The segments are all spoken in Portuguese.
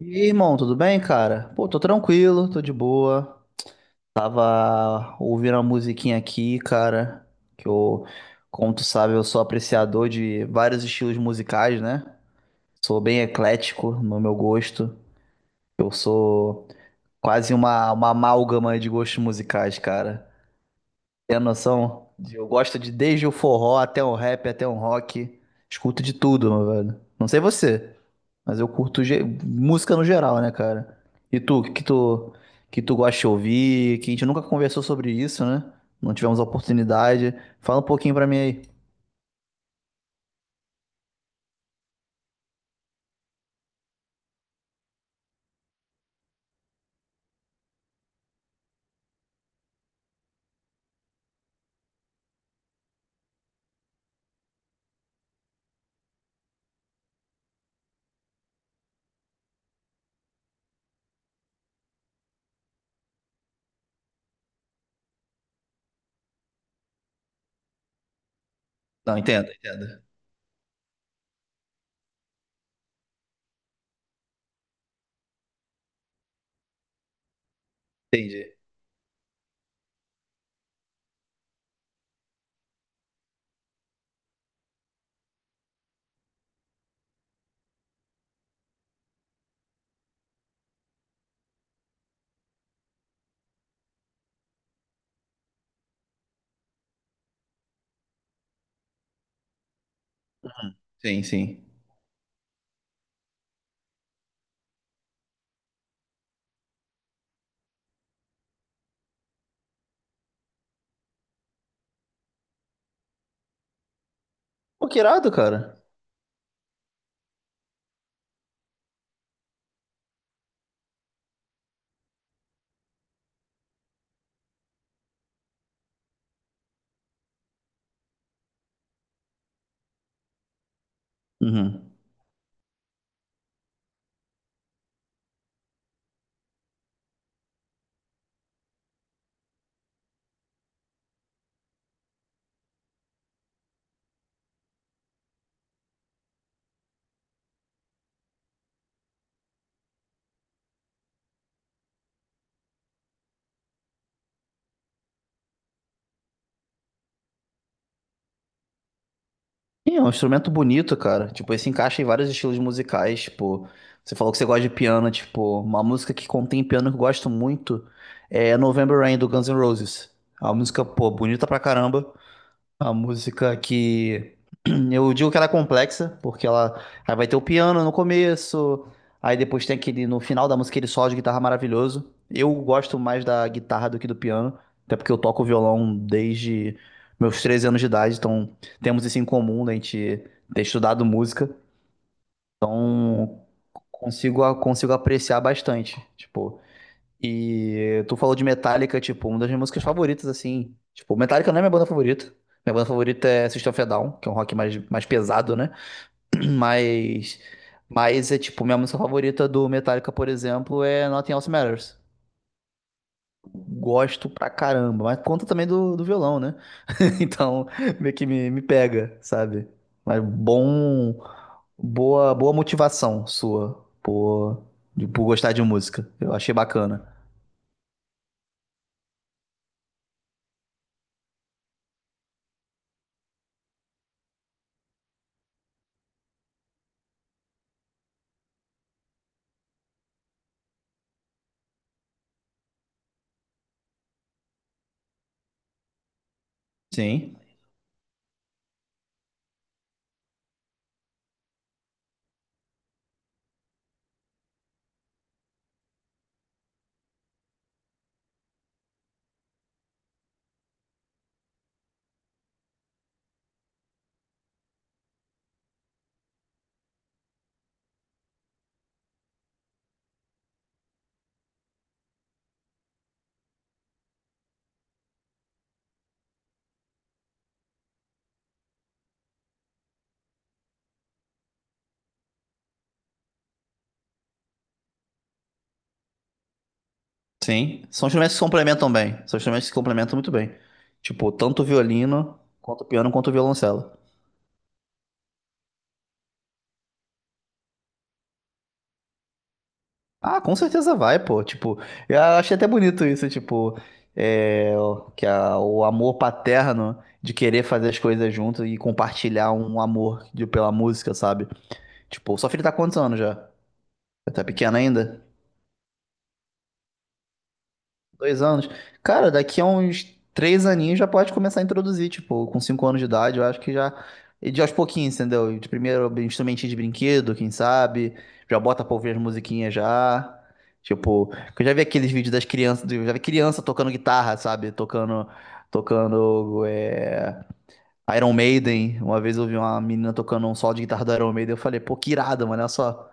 E aí, irmão, tudo bem, cara? Pô, tô tranquilo, tô de boa. Tava ouvindo uma musiquinha aqui, cara, que eu, como tu sabe, eu sou apreciador de vários estilos musicais, né? Sou bem eclético no meu gosto. Eu sou quase uma amálgama de gostos musicais, cara. Tem a noção? Eu gosto de desde o forró até o rap, até o rock. Escuto de tudo, meu velho. Não sei você, mas eu curto música no geral, né, cara? E tu, que tu gosta de ouvir? Que a gente nunca conversou sobre isso, né? Não tivemos a oportunidade. Fala um pouquinho pra mim aí. Não, entendo, entendo. Entendi. Sim, sim. Pô, que irado, cara. Uhum. Sim, é um instrumento bonito, cara. Tipo, ele se encaixa em vários estilos musicais. Tipo, você falou que você gosta de piano. Tipo, uma música que contém piano que eu gosto muito é November Rain do Guns N' Roses. É uma música, pô, bonita pra caramba. A música que eu digo que ela é complexa, porque ela aí vai ter o piano no começo, aí depois tem aquele no final da música aquele solo de guitarra maravilhoso. Eu gosto mais da guitarra do que do piano, até porque eu toco violão desde meus 13 anos de idade, então temos isso em comum, né, a gente ter estudado música. Então, consigo apreciar bastante. Tipo, e tu falou de Metallica, tipo, uma das minhas músicas favoritas, assim. Tipo, Metallica não é minha banda favorita. Minha banda favorita é System of a Down, que é um rock mais pesado, né? Mas, mas é tipo, minha música favorita do Metallica, por exemplo, é Nothing Else Matters. Gosto pra caramba, mas conta também do violão, né? Então, meio que me pega, sabe? Mas bom, boa motivação sua por gostar de música. Eu achei bacana. Sim. Sim, são instrumentos que se complementam bem. São instrumentos que se complementam muito bem. Tipo, tanto o violino, quanto o piano, quanto o violoncelo. Ah, com certeza vai, pô. Tipo, eu achei até bonito isso, tipo, é, que o amor paterno de querer fazer as coisas junto e compartilhar um amor pela música, sabe? Tipo, sua filha tá com quantos anos já? Tá pequena ainda? Dois anos. Cara, daqui a uns três aninhos já pode começar a introduzir, tipo, com cinco anos de idade, eu acho que já. E de aos pouquinhos, entendeu? De primeiro instrumentinho de brinquedo, quem sabe? Já bota pra ouvir as musiquinhas já. Tipo, que eu já vi aqueles vídeos das crianças, eu já vi criança tocando guitarra, sabe? Tocando Iron Maiden. Uma vez eu vi uma menina tocando um solo de guitarra do Iron Maiden, eu falei, pô, que irado, mano, olha só.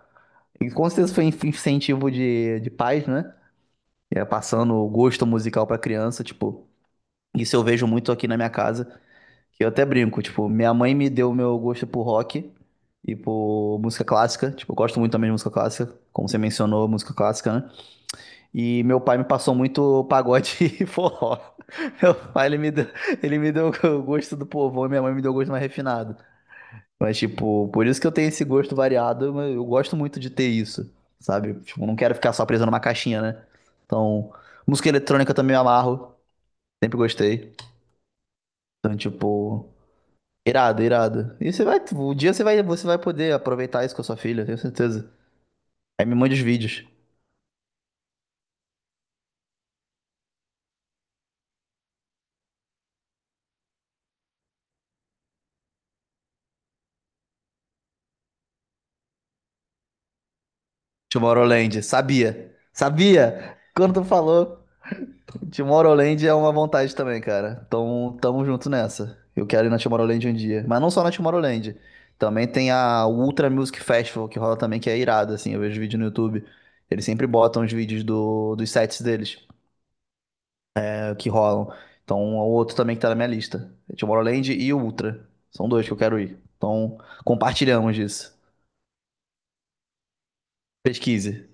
E com certeza foi incentivo de pais, né? É, passando o gosto musical pra criança, tipo, isso eu vejo muito aqui na minha casa, que eu até brinco, tipo, minha mãe me deu o meu gosto por rock e por música clássica, tipo, eu gosto muito também de música clássica, como você mencionou, música clássica, né? E meu pai me passou muito pagode e forró. Meu pai, ele me deu o gosto do povão e minha mãe me deu o gosto mais refinado. Mas, tipo, por isso que eu tenho esse gosto variado, mas eu gosto muito de ter isso, sabe? Tipo, não quero ficar só preso numa caixinha, né? Então, música eletrônica também me amarro, sempre gostei. Então, tipo, irado, irado. E o dia você vai poder aproveitar isso com a sua filha, tenho certeza. Aí me mande os vídeos. Tomorrowland, sabia, sabia? Quando tu falou, Tomorrowland é uma vontade também, cara. Então, tamo junto nessa. Eu quero ir na Tomorrowland um dia. Mas não só na Tomorrowland. Também tem a Ultra Music Festival, que rola também, que é irado, assim. Eu vejo vídeo no YouTube. Eles sempre botam os vídeos dos sets deles, que rolam. Então, é o outro também que tá na minha lista. É Tomorrowland e o Ultra. São dois que eu quero ir. Então, compartilhamos disso. Pesquise.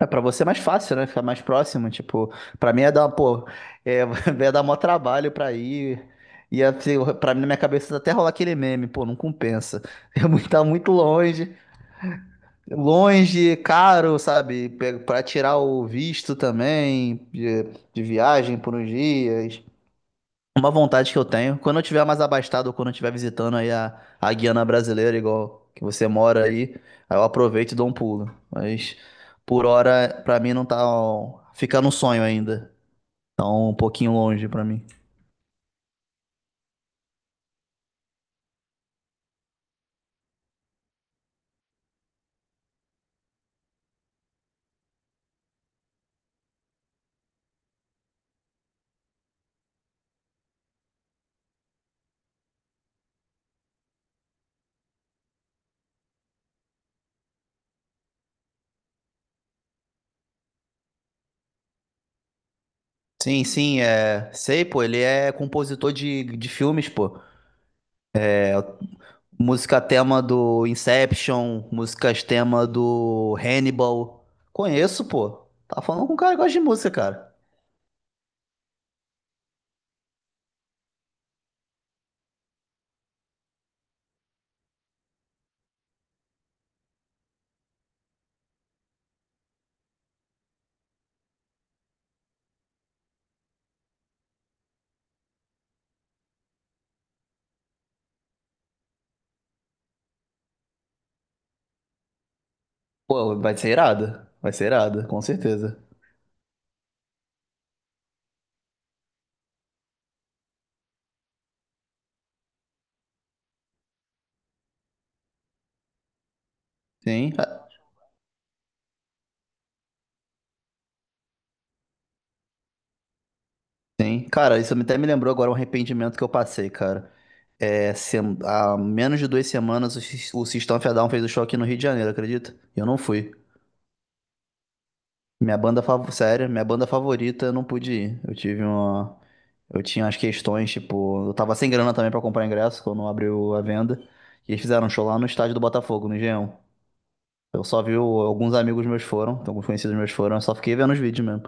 É, pra você é mais fácil, né? Ficar mais próximo. Tipo, pra mim é dar, pô, é, ia dar mó trabalho pra ir. Pra mim, na minha cabeça, até rolar aquele meme, pô, não compensa. Tá muito longe, longe, caro, sabe? Pra tirar o visto também, de viagem por uns dias. Uma vontade que eu tenho, quando eu tiver mais abastado ou quando eu estiver visitando aí a Guiana brasileira, igual que você mora aí, aí eu aproveito e dou um pulo. Mas por hora, pra mim não tá, ó, fica no sonho ainda. Então, um pouquinho longe pra mim. Sim, sim, é, sei, pô, ele é compositor de filmes, pô. Música tema do Inception, músicas tema do Hannibal. Conheço, pô. Tá falando com um cara que gosta de música, cara. Pô, vai ser irado. Vai ser irado, com certeza. Sim, ah, sim. Cara, isso até me lembrou agora um arrependimento que eu passei, cara. Há menos de duas semanas o System of a Down fez o show aqui no Rio de Janeiro, acredita? E eu não fui. Minha banda favorita, sério, minha banda favorita, eu não pude ir. Eu tive uma. Eu tinha as questões, tipo, eu tava sem grana também pra comprar ingresso quando abriu a venda. E eles fizeram um show lá no estádio do Botafogo, no Engenhão. Eu só vi alguns amigos meus foram, alguns conhecidos meus foram, eu só fiquei vendo os vídeos mesmo.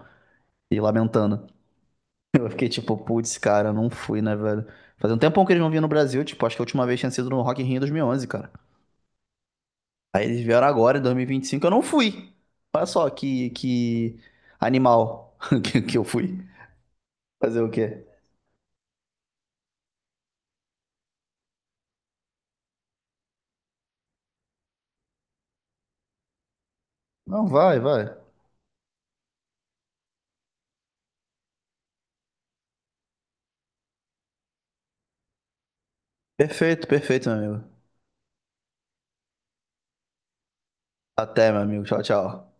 E lamentando. Eu fiquei tipo, putz, cara, eu não fui, né, velho? Fazia um tempão que eles não vinham no Brasil, tipo, acho que a última vez tinha sido no Rock in Rio em 2011, cara. Aí eles vieram agora, em 2025, eu não fui. Olha só que animal que eu fui. Fazer o quê? Não, vai, vai. Perfeito, perfeito, meu amigo. Até, meu amigo. Tchau, tchau.